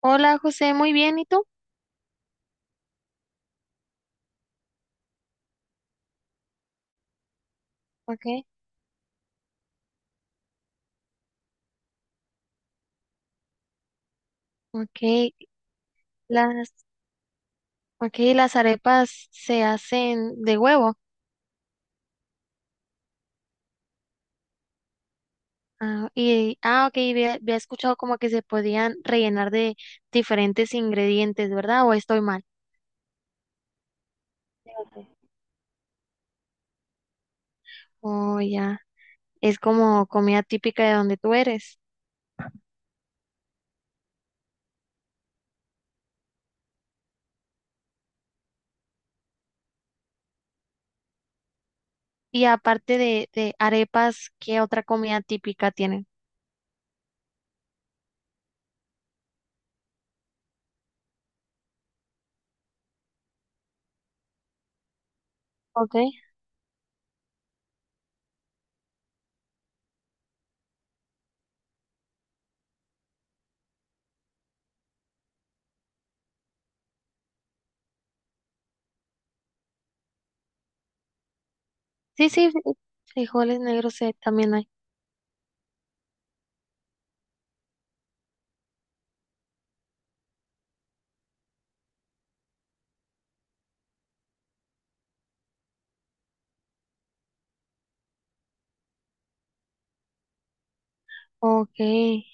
Hola José, muy bien, ¿y tú? Okay, okay, las, okay, las arepas se hacen de huevo. Ok, había escuchado como que se podían rellenar de diferentes ingredientes, ¿verdad? ¿O estoy mal? Oh, ya, es como comida típica de donde tú eres. Y aparte de arepas, ¿qué otra comida típica tienen? Okay. Sí, sí, frijoles negros también hay. Okay.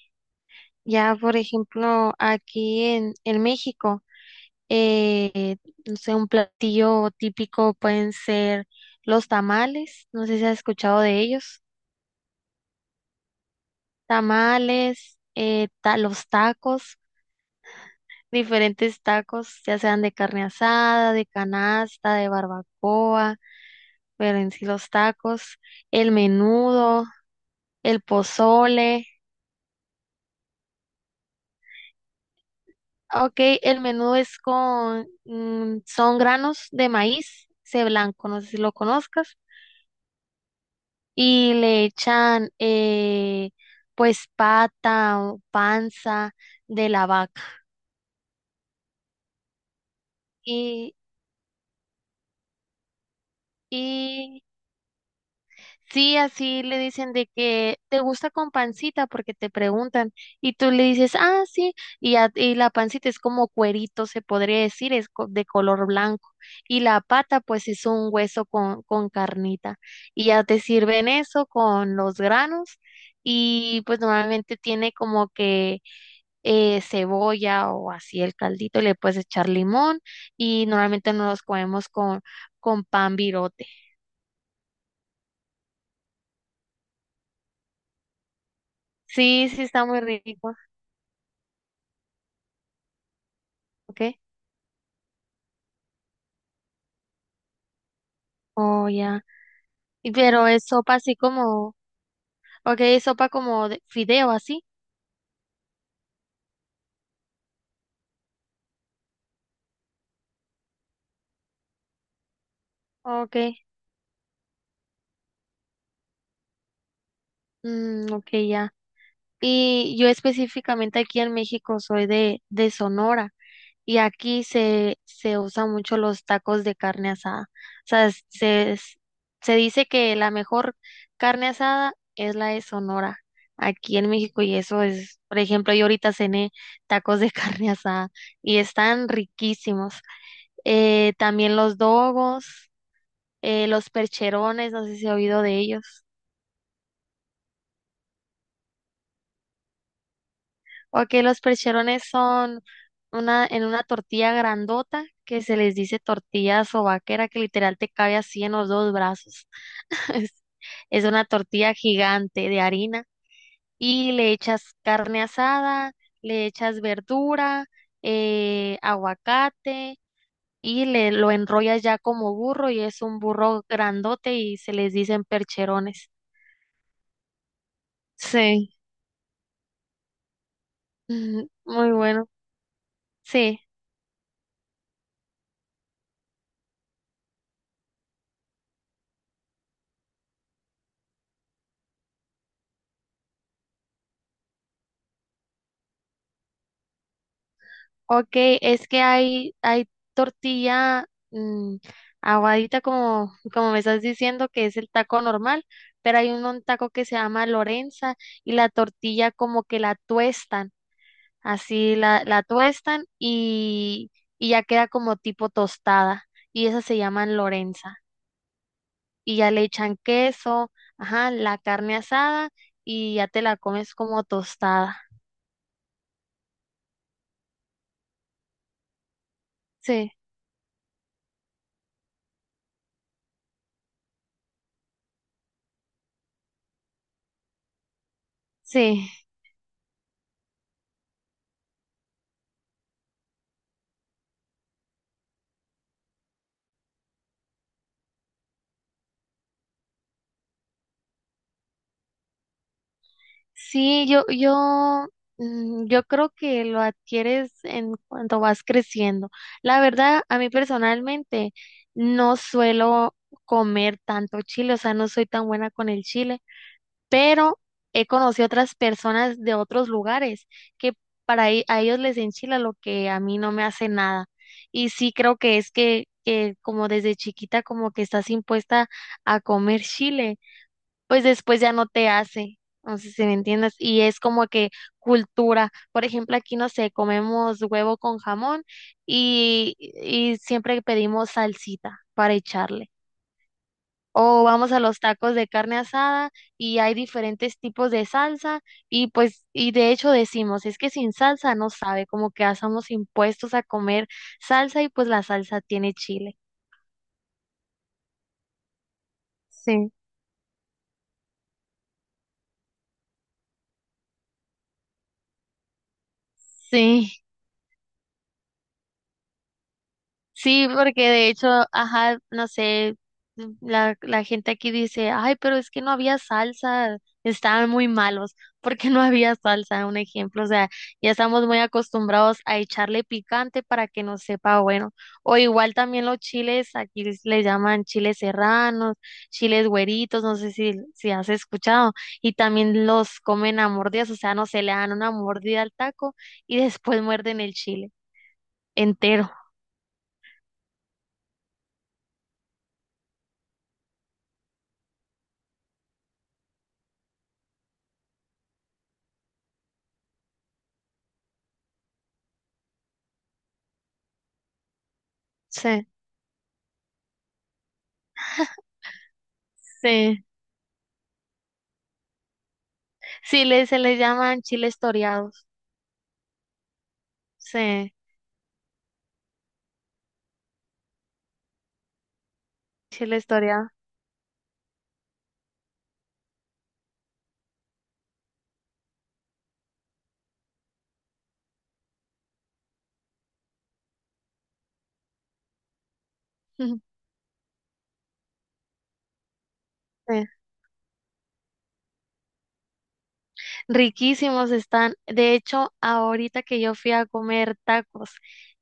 Ya, por ejemplo, aquí en México. Eh, no sé, un platillo típico pueden ser los tamales, no sé si has escuchado de ellos. Tamales, los tacos, diferentes tacos, ya sean de carne asada, de canasta, de barbacoa, pero en sí los tacos, el menudo, el pozole. Ok, el menudo es son granos de maíz, ese blanco, no sé si lo conozcas y le echan pues pata o panza de la vaca. Y, y sí, así le dicen de que te gusta con pancita porque te preguntan y tú le dices, ah, sí, y la pancita es como cuerito, se podría decir, de color blanco y la pata pues es un hueso con carnita y ya te sirven eso con los granos y pues normalmente tiene como que cebolla o así el caldito, le puedes echar limón y normalmente nos los comemos con pan birote. Sí, sí, está muy rico, ¿ok? Oh, ya. Y pero es sopa así como, ok, es sopa como de fideo así, ok, mm, ok, ya. Y yo específicamente aquí en México soy de Sonora. Y aquí se usa mucho los tacos de carne asada. O sea, se dice que la mejor carne asada es la de Sonora, aquí en México. Y eso es, por ejemplo, yo ahorita cené tacos de carne asada y están riquísimos. También los dogos, los percherones, no sé si ha oído de ellos. Ok, los percherones son en una tortilla grandota que se les dice tortilla sobaquera que literal te cabe así en los dos brazos. Es, es una tortilla gigante de harina y le echas carne asada, le echas verdura, aguacate y le lo enrollas ya como burro y es un burro grandote y se les dicen percherones. Sí, muy bueno. Sí. Ok, es que hay tortilla mm, aguadita como, como me estás diciendo que es el taco normal, pero hay un taco que se llama Lorenza y la tortilla como que la tuestan, la tuestan y ya queda como tipo tostada y esas se llaman Lorenza y ya le echan queso, ajá, la carne asada y ya te la comes como tostada. Sí, sí. Sí, yo creo que lo adquieres en cuanto vas creciendo. La verdad, a mí personalmente no suelo comer tanto chile, o sea, no soy tan buena con el chile, pero he conocido otras personas de otros lugares que a ellos les enchila lo que a mí no me hace nada. Y sí creo que que como desde chiquita como que estás impuesta a comer chile pues después ya no te hace. No sé si me entiendes. Y es como que cultura. Por ejemplo, aquí no sé, comemos huevo con jamón y siempre pedimos salsita para echarle. O vamos a los tacos de carne asada y hay diferentes tipos de salsa y de hecho decimos, es que sin salsa no sabe, como que hacemos impuestos a comer salsa y pues la salsa tiene chile. Sí. Sí. Sí, porque de hecho, ajá, no sé, la gente aquí dice, ay, pero es que no había salsa, estaban muy malos, porque no había salsa, un ejemplo, o sea, ya estamos muy acostumbrados a echarle picante para que nos sepa bueno, o igual también los chiles, aquí les llaman chiles serranos, chiles güeritos, no sé si has escuchado, y también los comen a mordidas, o sea, no se le dan una mordida al taco y después muerden el chile entero. Sí. Sí. Sí, se les llaman chiles toreados. Sí, chiles toreados. Sí. Riquísimos están. De hecho, ahorita que yo fui a comer tacos,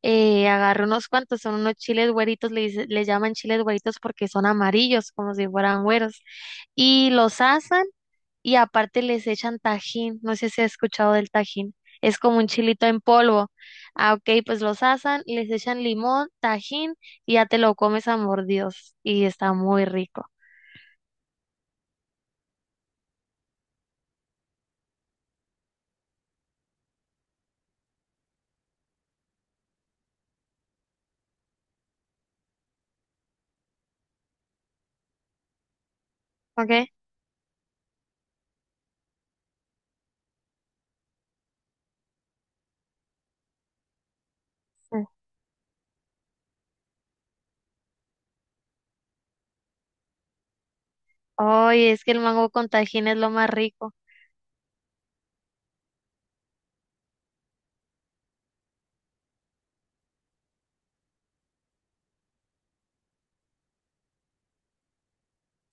agarré unos cuantos, son unos chiles güeritos, le llaman chiles güeritos porque son amarillos, como si fueran güeros. Y los asan y aparte les echan tajín, no sé si has escuchado del tajín, es como un chilito en polvo. Ah, ok, pues los asan, les echan limón, tajín y ya te lo comes a mordidos y está muy rico. ¿Ok? Mm. Ay, es que el mango con tajín es lo más rico.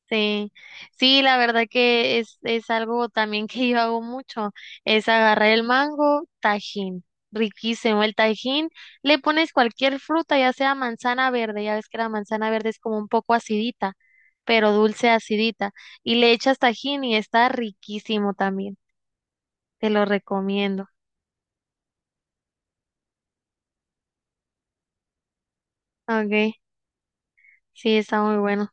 Sí, sí, la verdad que es algo también que yo hago mucho, es agarrar el mango, tajín, riquísimo el tajín, le pones cualquier fruta, ya sea manzana verde, ya ves que la manzana verde es como un poco acidita, pero dulce acidita, y le echas tajín y está riquísimo también, te lo recomiendo. Okay, sí, está muy bueno.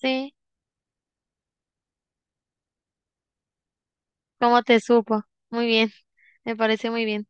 Sí, ¿cómo te supo? Muy bien, me parece muy bien.